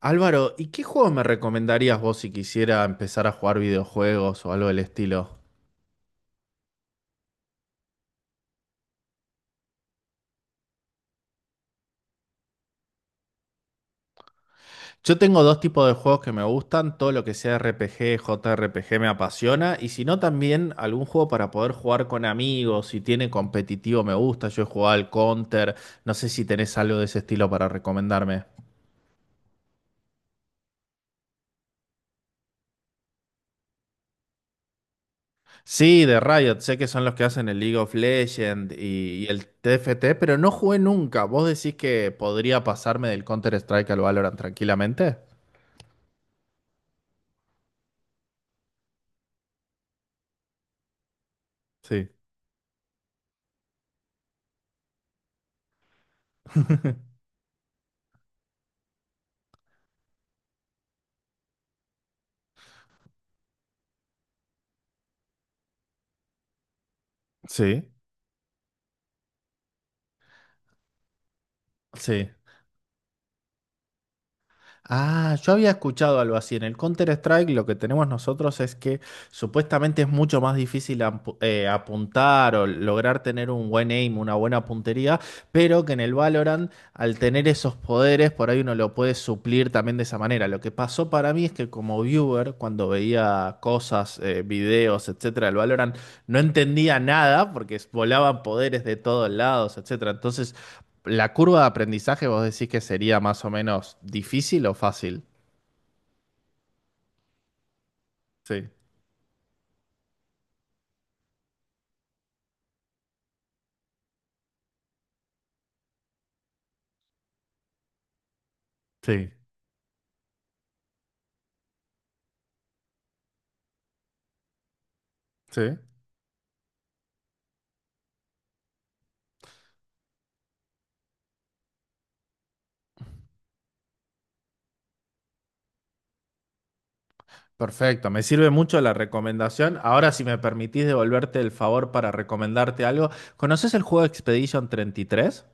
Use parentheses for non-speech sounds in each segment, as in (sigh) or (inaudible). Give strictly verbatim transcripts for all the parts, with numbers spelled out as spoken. Álvaro, ¿y qué juego me recomendarías vos si quisiera empezar a jugar videojuegos o algo del estilo? Yo tengo dos tipos de juegos que me gustan: todo lo que sea R P G, J R P G me apasiona, y si no, también algún juego para poder jugar con amigos. Si tiene competitivo, me gusta. Yo he jugado al Counter, no sé si tenés algo de ese estilo para recomendarme. Sí, de Riot, sé que son los que hacen el League of Legends y, y el T F T, pero no jugué nunca. ¿Vos decís que podría pasarme del Counter-Strike al Valorant tranquilamente? Sí. (laughs) Sí, sí. Ah, yo había escuchado algo así. En el Counter-Strike lo que tenemos nosotros es que supuestamente es mucho más difícil ampu- eh, apuntar o lograr tener un buen aim, una buena puntería, pero que en el Valorant, al tener esos poderes, por ahí uno lo puede suplir también de esa manera. Lo que pasó para mí es que como viewer, cuando veía cosas, eh, videos, etcétera, del Valorant, no entendía nada porque volaban poderes de todos lados, etcétera. Entonces, ¿la curva de aprendizaje vos decís que sería más o menos difícil o fácil? Sí, sí, sí. Perfecto, me sirve mucho la recomendación. Ahora, si me permitís devolverte el favor para recomendarte algo, ¿conoces el juego Expedition treinta y tres?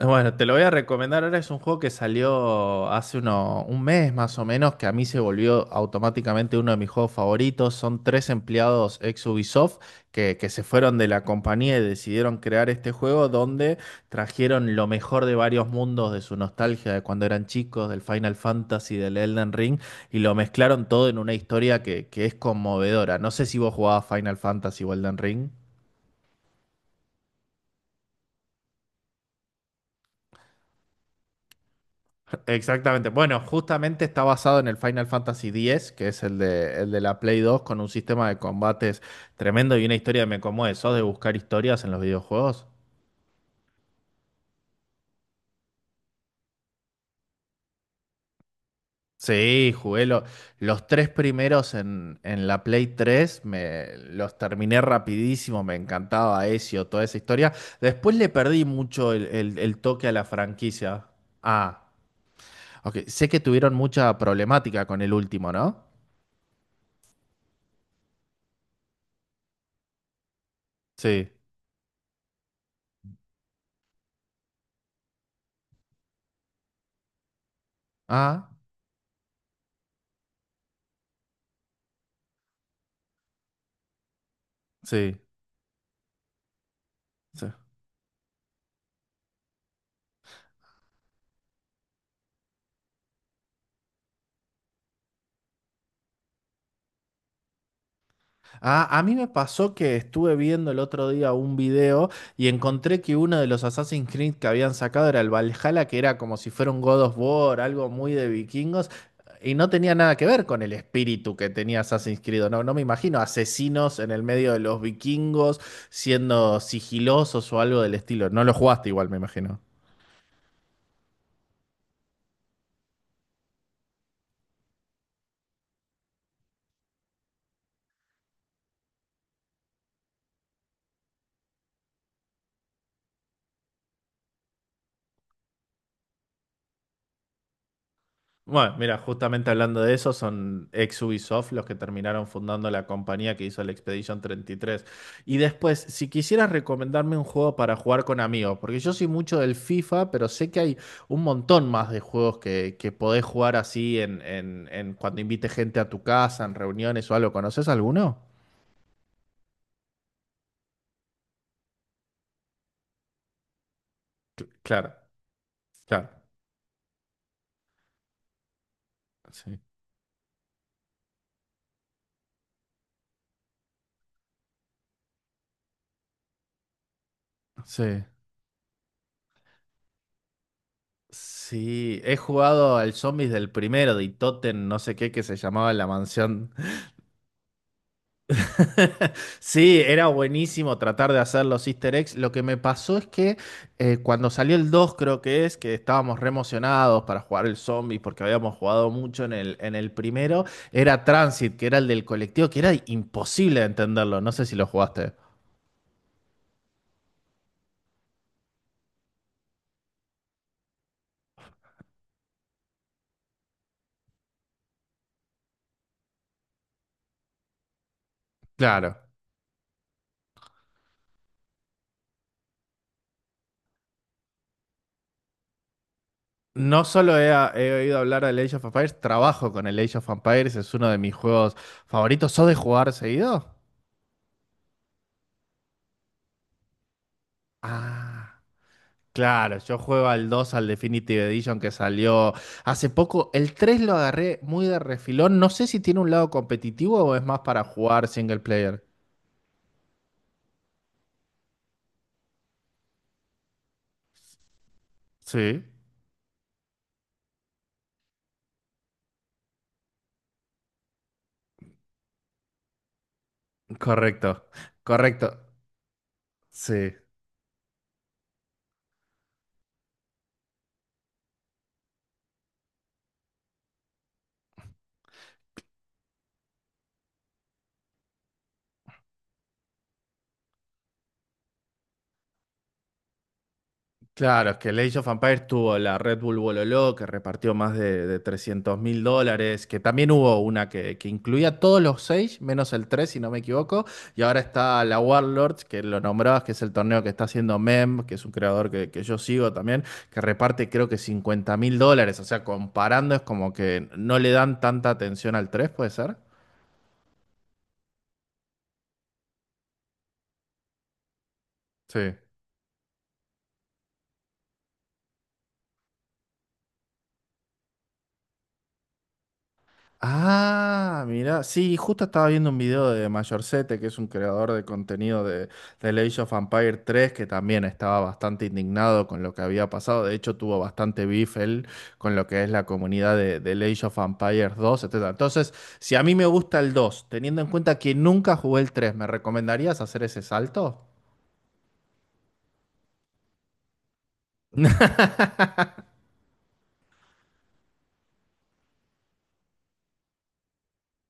Bueno, te lo voy a recomendar. Ahora, es un juego que salió hace uno, un mes más o menos, que a mí se volvió automáticamente uno de mis juegos favoritos. Son tres empleados ex Ubisoft que, que se fueron de la compañía y decidieron crear este juego donde trajeron lo mejor de varios mundos, de su nostalgia de cuando eran chicos, del Final Fantasy, del Elden Ring, y lo mezclaron todo en una historia que, que es conmovedora. No sé si vos jugabas Final Fantasy o Elden Ring. Exactamente. Bueno, justamente está basado en el Final Fantasy diez, que es el de, el de la Play dos, con un sistema de combates tremendo y una historia que me conmueve. ¿Sos de buscar historias en los videojuegos? Sí, jugué lo- los tres primeros en, en la Play tres, me, los terminé rapidísimo, me encantaba Ezio, toda esa historia. Después le perdí mucho el, el- el toque a la franquicia. Ah, ok. Sé que tuvieron mucha problemática con el último, ¿no? Sí. Ah, sí. Sí. Ah, a mí me pasó que estuve viendo el otro día un video y encontré que uno de los Assassin's Creed que habían sacado era el Valhalla, que era como si fuera un God of War, algo muy de vikingos, y no tenía nada que ver con el espíritu que tenía Assassin's Creed. No, no me imagino asesinos en el medio de los vikingos siendo sigilosos o algo del estilo. No lo jugaste igual, me imagino. Bueno, mira, justamente hablando de eso, son ex Ubisoft los que terminaron fundando la compañía que hizo el Expedition treinta y tres. Y después, si quisieras recomendarme un juego para jugar con amigos, porque yo soy mucho del FIFA, pero sé que hay un montón más de juegos que, que podés jugar así en, en- en cuando invites gente a tu casa, en reuniones o algo. ¿Conoces alguno? Cl- Claro, claro. Sí. Sí. Sí, he jugado al Zombies del primero de Itoten, no sé qué, que se llamaba La Mansión. (laughs) Sí, era buenísimo tratar de hacer los easter eggs. Lo que me pasó es que eh, cuando salió el dos, creo que es, que estábamos re emocionados para jugar el zombie porque habíamos jugado mucho en el, en el primero, era Transit, que era el del colectivo, que era imposible de entenderlo. No sé si lo jugaste. Claro. No solo he, he oído hablar del Age of Empires, trabajo con el Age of Empires, es uno de mis juegos favoritos. ¿Sos de jugar seguido? Ah. Claro, yo juego al dos, al Definitive Edition que salió hace poco. El tres lo agarré muy de refilón. No sé si tiene un lado competitivo o es más para jugar single player. Sí, correcto, correcto. Sí. Claro, es que el Age of Empires tuvo la Red Bull Bololó, que repartió más de trescientos mil dólares, que también hubo una que, que incluía todos los seis, menos el tres si no me equivoco, y ahora está la Warlords, que lo nombrabas, que es el torneo que está haciendo Mem, que es un creador que, que yo sigo también, que reparte creo que cincuenta mil dólares. O sea, comparando, es como que no le dan tanta atención al tres, ¿puede ser? Sí. Ah, mira, sí, justo estaba viendo un video de Mayorzete, que es un creador de contenido de, de The Age of Empires tres, que también estaba bastante indignado con lo que había pasado. De hecho, tuvo bastante beef él con lo que es la comunidad de, de The Age of Empires dos, etcétera. Entonces, si a mí me gusta el dos, teniendo en cuenta que nunca jugué el tres, ¿me recomendarías hacer ese salto? (laughs)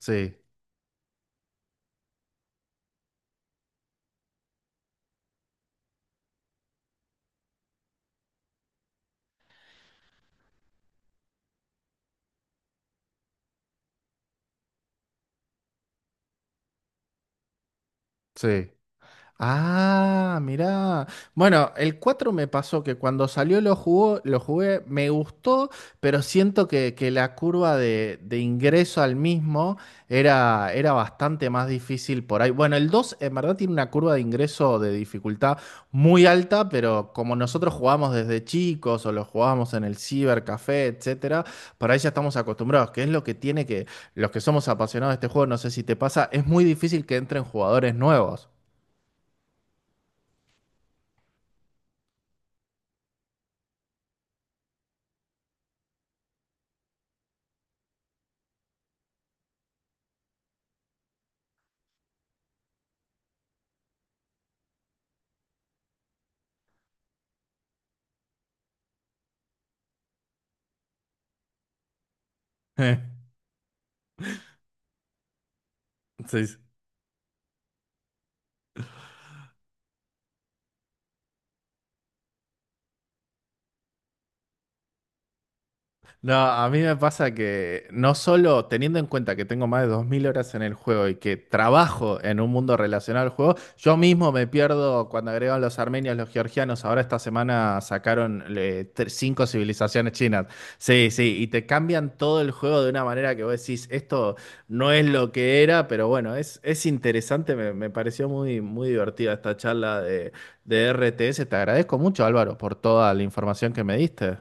Sí, sí. Ah, mirá. Bueno, el cuatro me pasó que cuando salió lo jugó, lo jugué, me gustó, pero siento que, que la curva de, de ingreso al mismo era, era bastante más difícil por ahí. Bueno, el dos, en verdad, tiene una curva de ingreso de dificultad muy alta, pero como nosotros jugamos desde chicos o lo jugábamos en el cibercafé, etcétera, por ahí ya estamos acostumbrados. Que es lo que tiene, que los que somos apasionados de este juego, no sé si te pasa, es muy difícil que entren jugadores nuevos. (laughs) Sí, sí. No, a mí me pasa que, no solo teniendo en cuenta que tengo más de dos mil horas en el juego y que trabajo en un mundo relacionado al juego, yo mismo me pierdo cuando agregan los armenios, los georgianos, ahora esta semana sacaron eh, tre- cinco civilizaciones chinas. Sí, sí, y te cambian todo el juego de una manera que vos decís, esto no es lo que era. Pero bueno, es, es interesante, me, me pareció muy, muy divertida esta charla de, de R T S. Te agradezco mucho, Álvaro, por toda la información que me diste.